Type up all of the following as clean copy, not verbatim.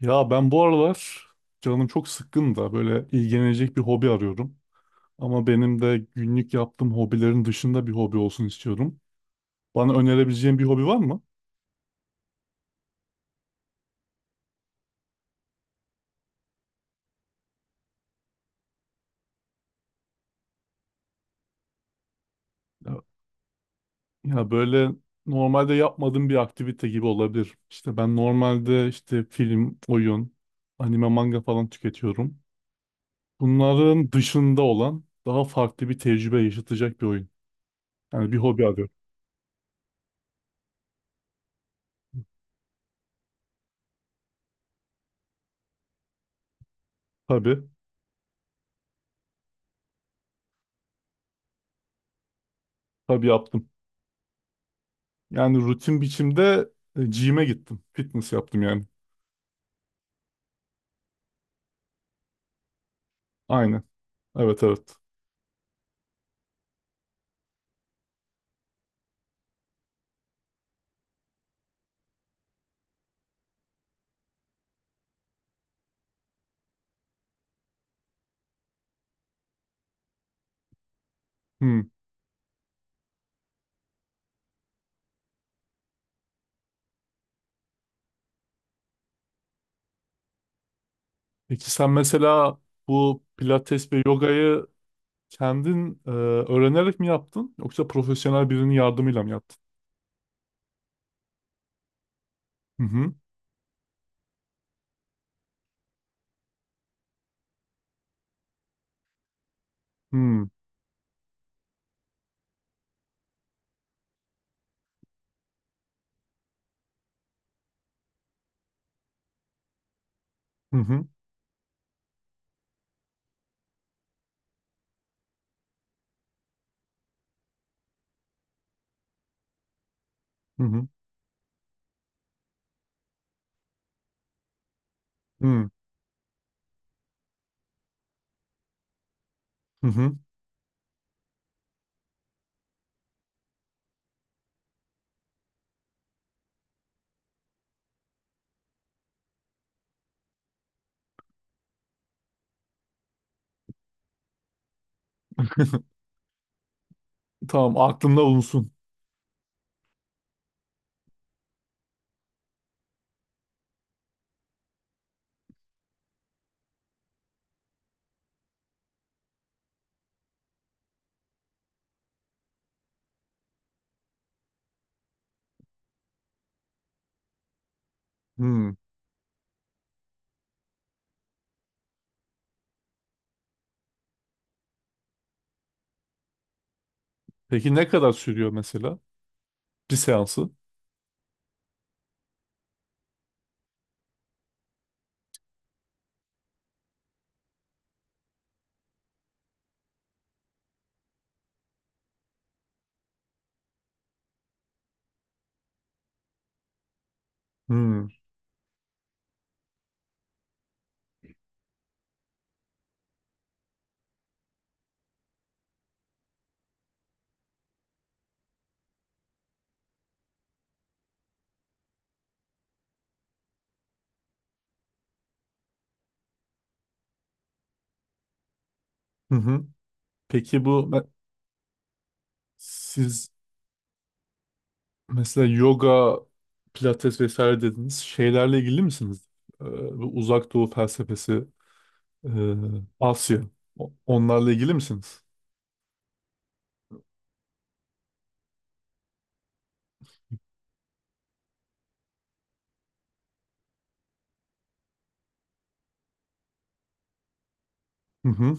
Ya ben bu aralar canım çok sıkkın da böyle ilgilenecek bir hobi arıyorum. Ama benim de günlük yaptığım hobilerin dışında bir hobi olsun istiyorum. Bana önerebileceğin bir hobi var mı? Ya ya böyle normalde yapmadığım bir aktivite gibi olabilir. İşte ben normalde işte film, oyun, anime, manga falan tüketiyorum. Bunların dışında olan daha farklı bir tecrübe yaşatacak bir oyun. Yani bir hobi arıyorum. Tabii, tabii yaptım. Yani rutin biçimde gym'e gittim. Fitness yaptım yani. Aynen. Evet, evet. Hmm. Peki sen mesela bu pilates ve yogayı kendin öğrenerek mi yaptın yoksa profesyonel birinin yardımıyla mı yaptın? Hı hı. Hmm. Hı hı. Hı hı. Hı hı. Hı. Tamam aklımda bulunsun. Hı. Peki ne kadar sürüyor mesela bir seansı? Hı hı. Hı. Peki bu siz mesela yoga, pilates vesaire dediniz. Şeylerle ilgili misiniz? Ee, Bu uzak doğu felsefesi, e, Asya. Onlarla ilgili misiniz? Hı hı.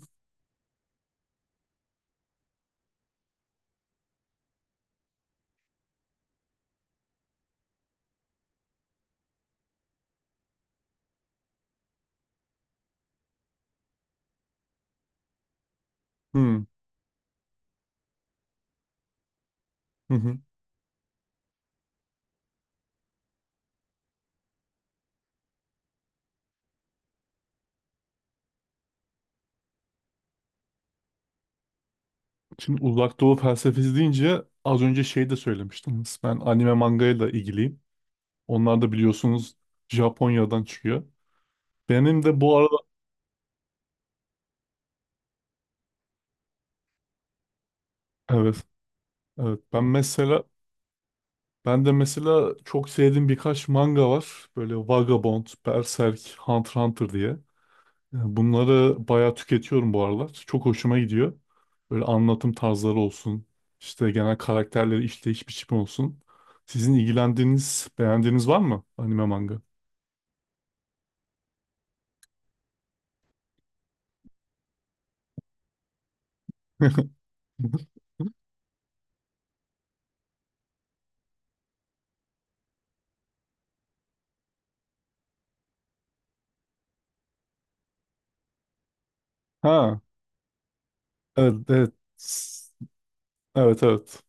Hı hı. Hı. Şimdi uzak doğu felsefesi deyince az önce şey de söylemiştiniz. Ben anime mangayla ilgiliyim. Onlar da biliyorsunuz Japonya'dan çıkıyor. Benim de bu arada evet, evet ben mesela ben de mesela çok sevdiğim birkaç manga var. Böyle Vagabond, Berserk, Hunter x Hunter diye. Yani bunları bayağı tüketiyorum bu aralar. Çok hoşuma gidiyor. Böyle anlatım tarzları olsun, işte genel karakterleri işleyiş biçimi olsun. Sizin ilgilendiğiniz, beğendiğiniz var mı anime manga? Ha, evet, evet. Evet, evet.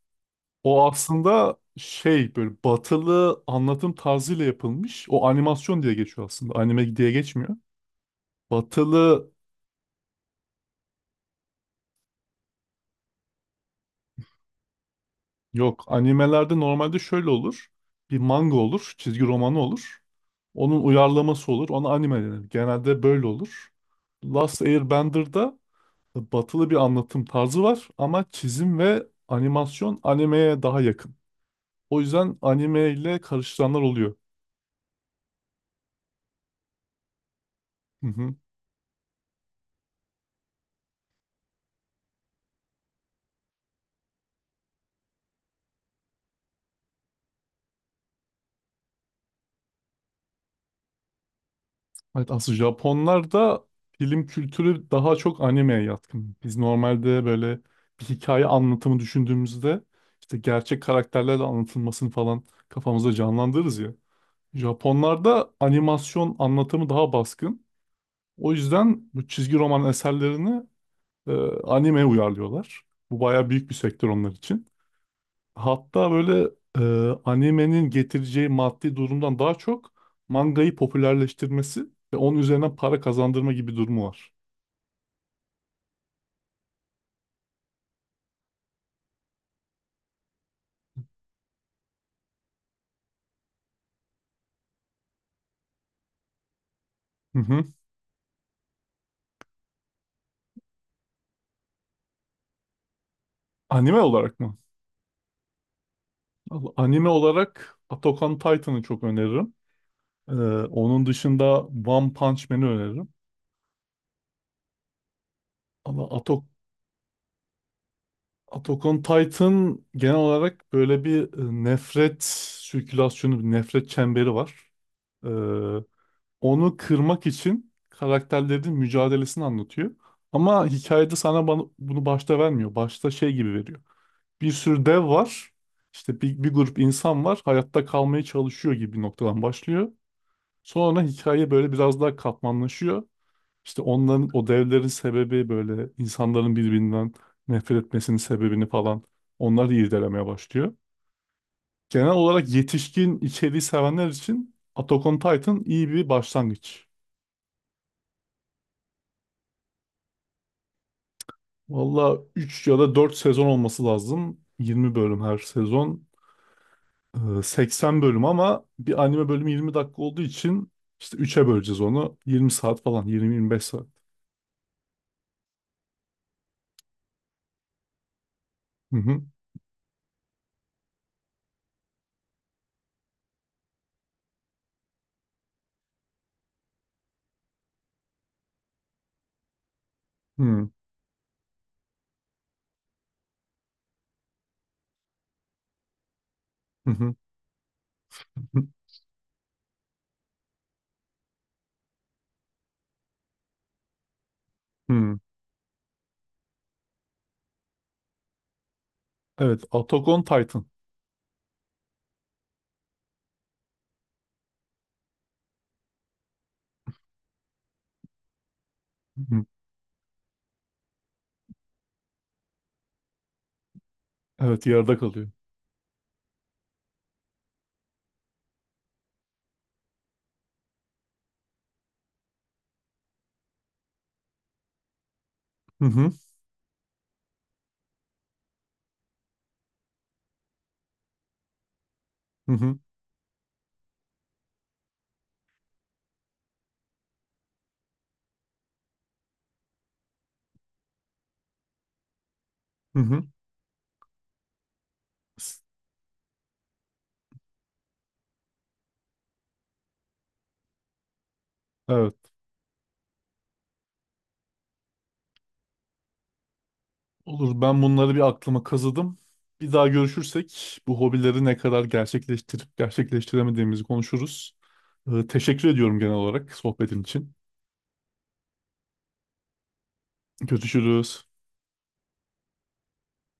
O aslında şey böyle batılı anlatım tarzıyla yapılmış. O animasyon diye geçiyor aslında. Anime diye geçmiyor. Batılı yok. Animelerde normalde şöyle olur. Bir manga olur. Çizgi romanı olur. Onun uyarlaması olur. Ona anime denir. Genelde böyle olur. Last Airbender'da batılı bir anlatım tarzı var. Ama çizim ve animasyon animeye daha yakın. O yüzden anime ile karıştıranlar oluyor. Hı hı. Evet, aslında Japonlarda film kültürü daha çok animeye yatkın. Biz normalde böyle bir hikaye anlatımı düşündüğümüzde işte gerçek karakterlerle anlatılmasını falan kafamızda canlandırırız ya. Japonlarda animasyon anlatımı daha baskın. O yüzden bu çizgi roman eserlerini e, animeye uyarlıyorlar. Bu bayağı büyük bir sektör onlar için. Hatta böyle animenin getireceği maddi durumdan daha çok mangayı popülerleştirmesi ve onun üzerine para kazandırma gibi durumu var. Hı hı. Anime olarak mı? Vallahi anime olarak Attack on Titan'ı çok öneririm. E, Onun dışında One Punch Man'i öneririm. Ama Attack, Attack on Titan genel olarak böyle bir nefret sirkülasyonu, bir nefret çemberi var. Onu kırmak için karakterlerin mücadelesini anlatıyor. Ama hikayede bunu başta vermiyor. Başta şey gibi veriyor. Bir sürü dev var. İşte bir grup insan var. Hayatta kalmaya çalışıyor gibi bir noktadan başlıyor. Sonra hikaye böyle biraz daha katmanlaşıyor. İşte onların o devlerin sebebi böyle insanların birbirinden nefret etmesinin sebebini falan onları irdelemeye başlıyor. Genel olarak yetişkin içeriği sevenler için Attack on Titan iyi bir başlangıç. Valla 3 ya da 4 sezon olması lazım. 20 bölüm her sezon. 80 bölüm ama bir anime bölümü 20 dakika olduğu için işte üç'e böleceğiz onu. 20 saat falan, 20-25 saat. Hı hı. Hı hı. Hı hı, hı. Evet. Attack on Titan. Hı hı. Evet yarıda kalıyor. Hı hı. Hı hı. Hı hı. Evet. Olur, ben bunları bir aklıma kazıdım. Bir daha görüşürsek bu hobileri ne kadar gerçekleştirip gerçekleştiremediğimizi konuşuruz. Teşekkür ediyorum genel olarak sohbetin için. Görüşürüz.